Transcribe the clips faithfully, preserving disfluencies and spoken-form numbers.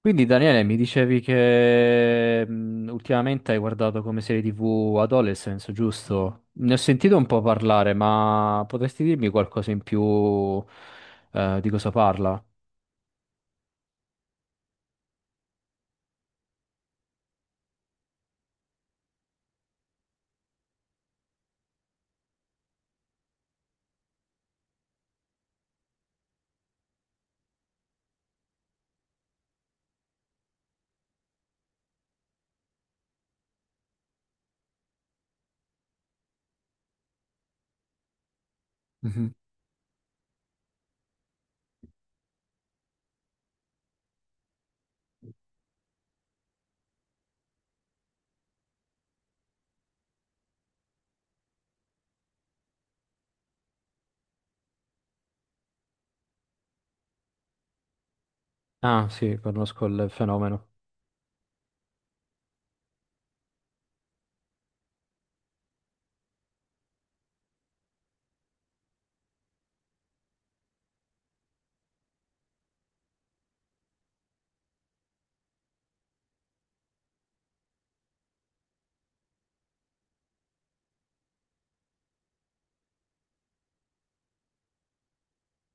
Quindi Daniele, mi dicevi che mh, ultimamente hai guardato come serie ti vu Adolescence, giusto? Ne ho sentito un po' parlare, ma potresti dirmi qualcosa in più eh, di cosa parla? Mhm. Ah, sì, conosco il fenomeno.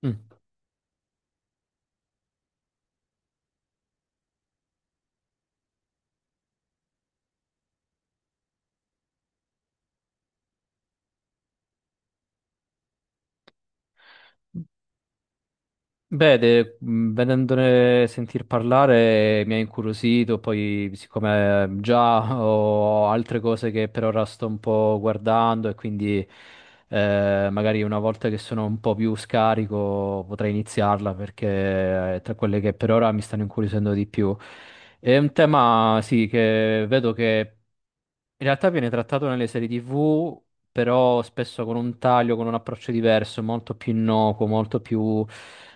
Mm. Beh, de- mh, vedendone sentir parlare mi ha incuriosito, poi siccome eh, già ho altre cose che per ora sto un po' guardando, e quindi eh, magari una volta che sono un po' più scarico potrei iniziarla, perché è tra quelle che per ora mi stanno incuriosendo di più. È un tema, sì, che vedo che in realtà viene trattato nelle serie ti vu, però spesso con un taglio, con un approccio diverso, molto più innocuo, molto più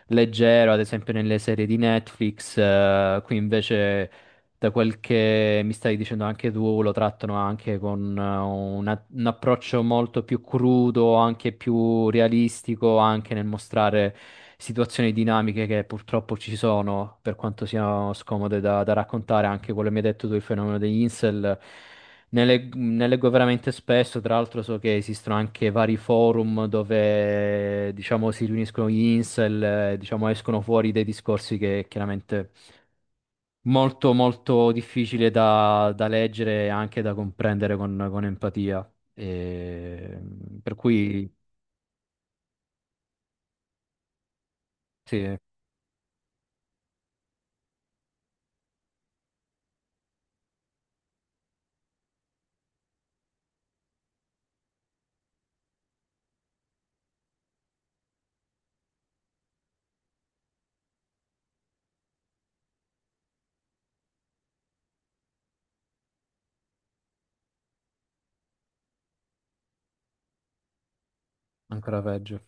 leggero, ad esempio nelle serie di Netflix. Eh, qui invece, da quel che mi stai dicendo anche tu, lo trattano anche con eh, una- un approccio molto più crudo, anche più realistico, anche nel mostrare situazioni dinamiche che purtroppo ci sono, per quanto siano scomode da, da raccontare, anche quello che mi hai detto tu, il fenomeno degli incel. Ne, leg- ne leggo veramente spesso, tra l'altro so che esistono anche vari forum dove, diciamo, si riuniscono gli incel, eh, diciamo, escono fuori dei discorsi che chiaramente molto, molto difficile da, da leggere e anche da comprendere con, con empatia. E, per cui, sì, ancora peggio.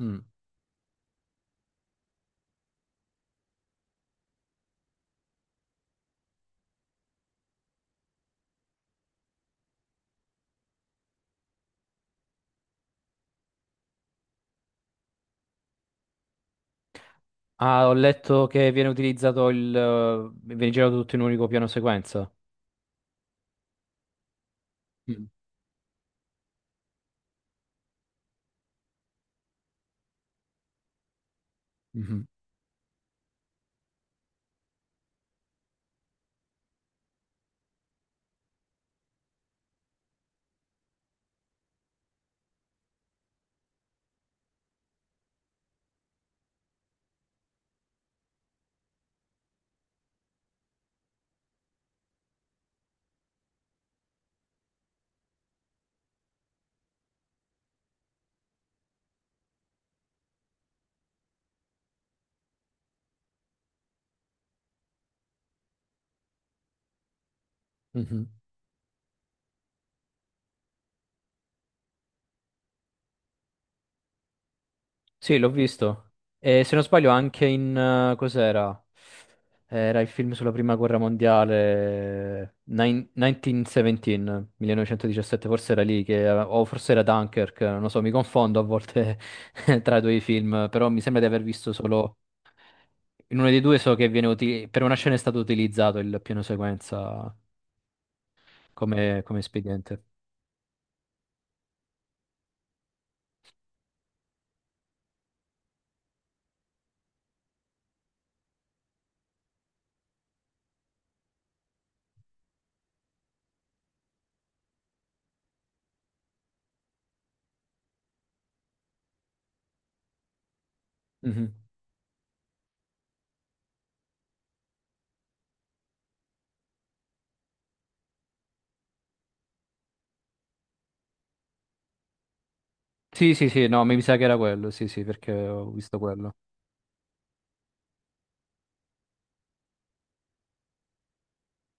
Mm. Ah, ho letto che viene utilizzato il... eh, viene girato tutto in un unico piano sequenza. Mm. Mhm. Mhm. Sì, l'ho visto. E se non sbaglio anche in... eh, cos'era? Era il film sulla prima guerra mondiale, nine- millenovecentodiciassette, millenovecentodiciassette, forse era lì, che, o forse era Dunkirk, non lo so, mi confondo a volte tra i due film, però mi sembra di aver visto solo... In uno dei due so che viene uti- per una scena è stato utilizzato il piano sequenza come, come espediente. Mhm. Sì, sì, sì, no, mi sa che era quello, sì, sì, perché ho visto quello.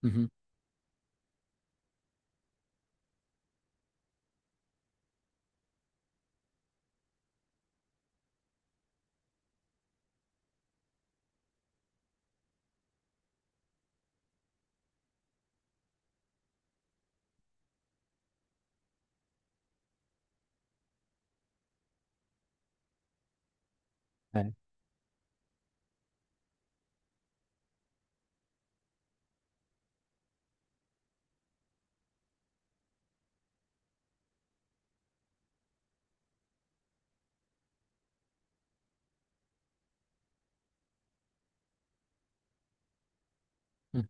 Mhm. Eh. Mm.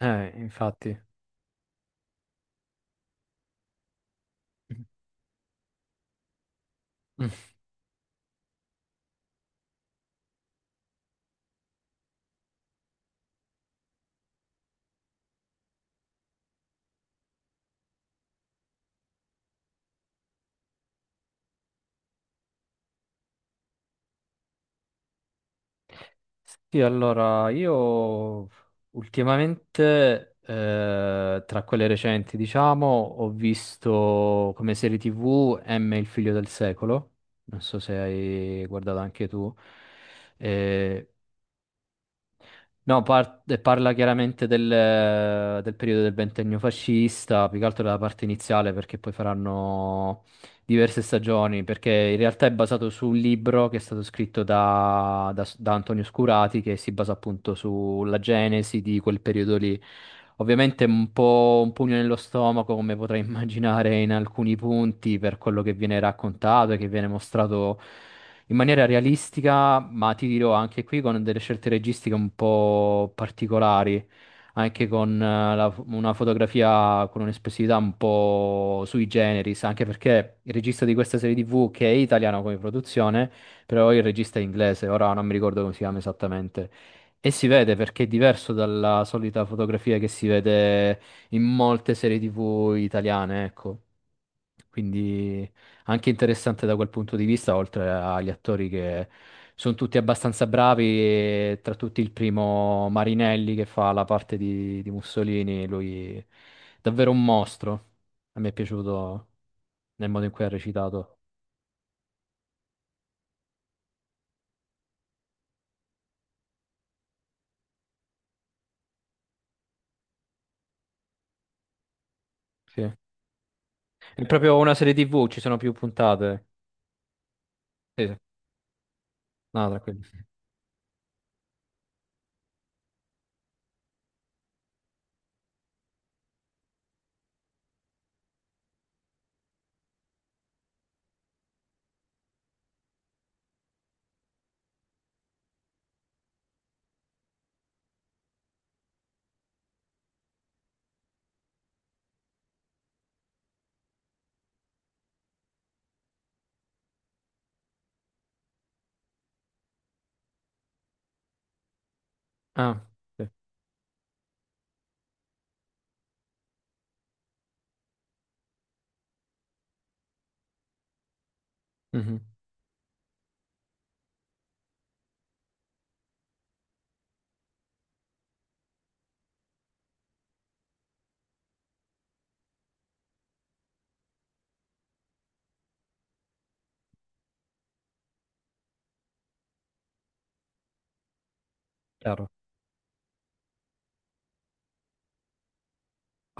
Eh, infatti. Mm. Sì, allora, io ultimamente, eh, tra quelle recenti, diciamo, ho visto come serie ti vu M, il figlio del secolo. Non so se hai guardato anche tu. Eh, No, par- eh, parla chiaramente del, eh, del periodo del ventennio fascista, più che altro della parte iniziale, perché poi faranno diverse stagioni, perché in realtà è basato su un libro che è stato scritto da, da- da Antonio Scurati, che si basa appunto sulla genesi di quel periodo lì. Ovviamente è un po' un pugno nello stomaco, come potrai immaginare in alcuni punti, per quello che viene raccontato e che viene mostrato in maniera realistica, ma ti dirò anche qui con delle scelte registiche un po' particolari, anche con eh, la- una fotografia con un'espressività un po' sui generis, anche perché il regista di questa serie ti vu, che è italiano come produzione, però il regista è inglese, ora non mi ricordo come si chiama esattamente. E si vede perché è diverso dalla solita fotografia che si vede in molte serie ti vu italiane, ecco. Quindi anche interessante da quel punto di vista, oltre agli attori che sono tutti abbastanza bravi, e tra tutti il primo Marinelli che fa la parte di, di Mussolini, lui è davvero un mostro. A me è piaciuto nel modo in cui ha recitato. Sì. È proprio una serie ti vu, ci sono più puntate. Sì, sì. No, tranquillo. Ah, sì. Mhm, chiaro.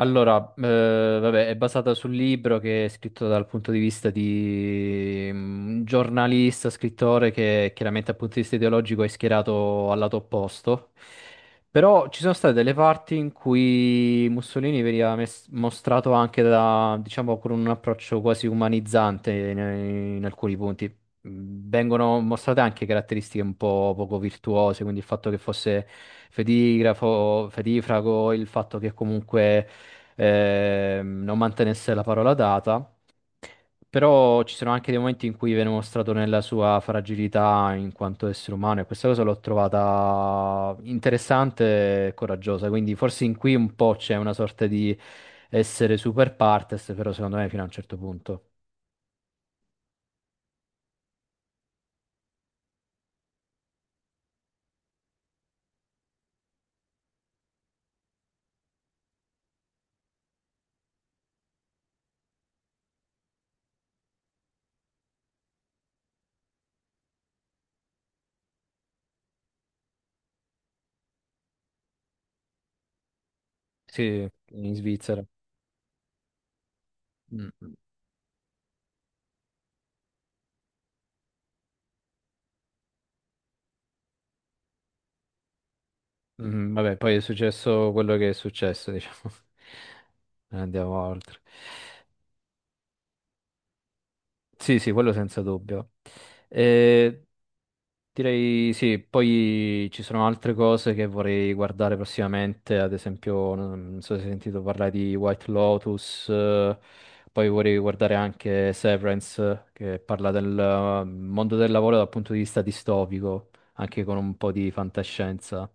Allora, eh, vabbè, è basata sul libro che è scritto dal punto di vista di mm, un giornalista, scrittore che chiaramente dal punto di vista ideologico è schierato al lato opposto. Però ci sono state delle parti in cui Mussolini veniva mes- mostrato anche da, diciamo, con un approccio quasi umanizzante in, in alcuni punti. Mm. Vengono mostrate anche caratteristiche un po' poco virtuose, quindi il fatto che fosse fedigrafo, fedifrago, il fatto che comunque ehm, non mantenesse la parola data, però ci sono anche dei momenti in cui viene mostrato nella sua fragilità in quanto essere umano, e questa cosa l'ho trovata interessante e coraggiosa, quindi forse in qui un po' c'è una sorta di essere super partes, però secondo me fino a un certo punto. Sì, in Svizzera. Mm, mm, vabbè, poi è successo quello che è successo, diciamo. Non andiamo oltre. Sì, sì, quello senza dubbio. Eh, Direi sì, poi ci sono altre cose che vorrei guardare prossimamente, ad esempio, non so se hai sentito parlare di White Lotus, eh, poi vorrei guardare anche Severance, che parla del eh, mondo del lavoro dal punto di vista distopico, anche con un po' di fantascienza.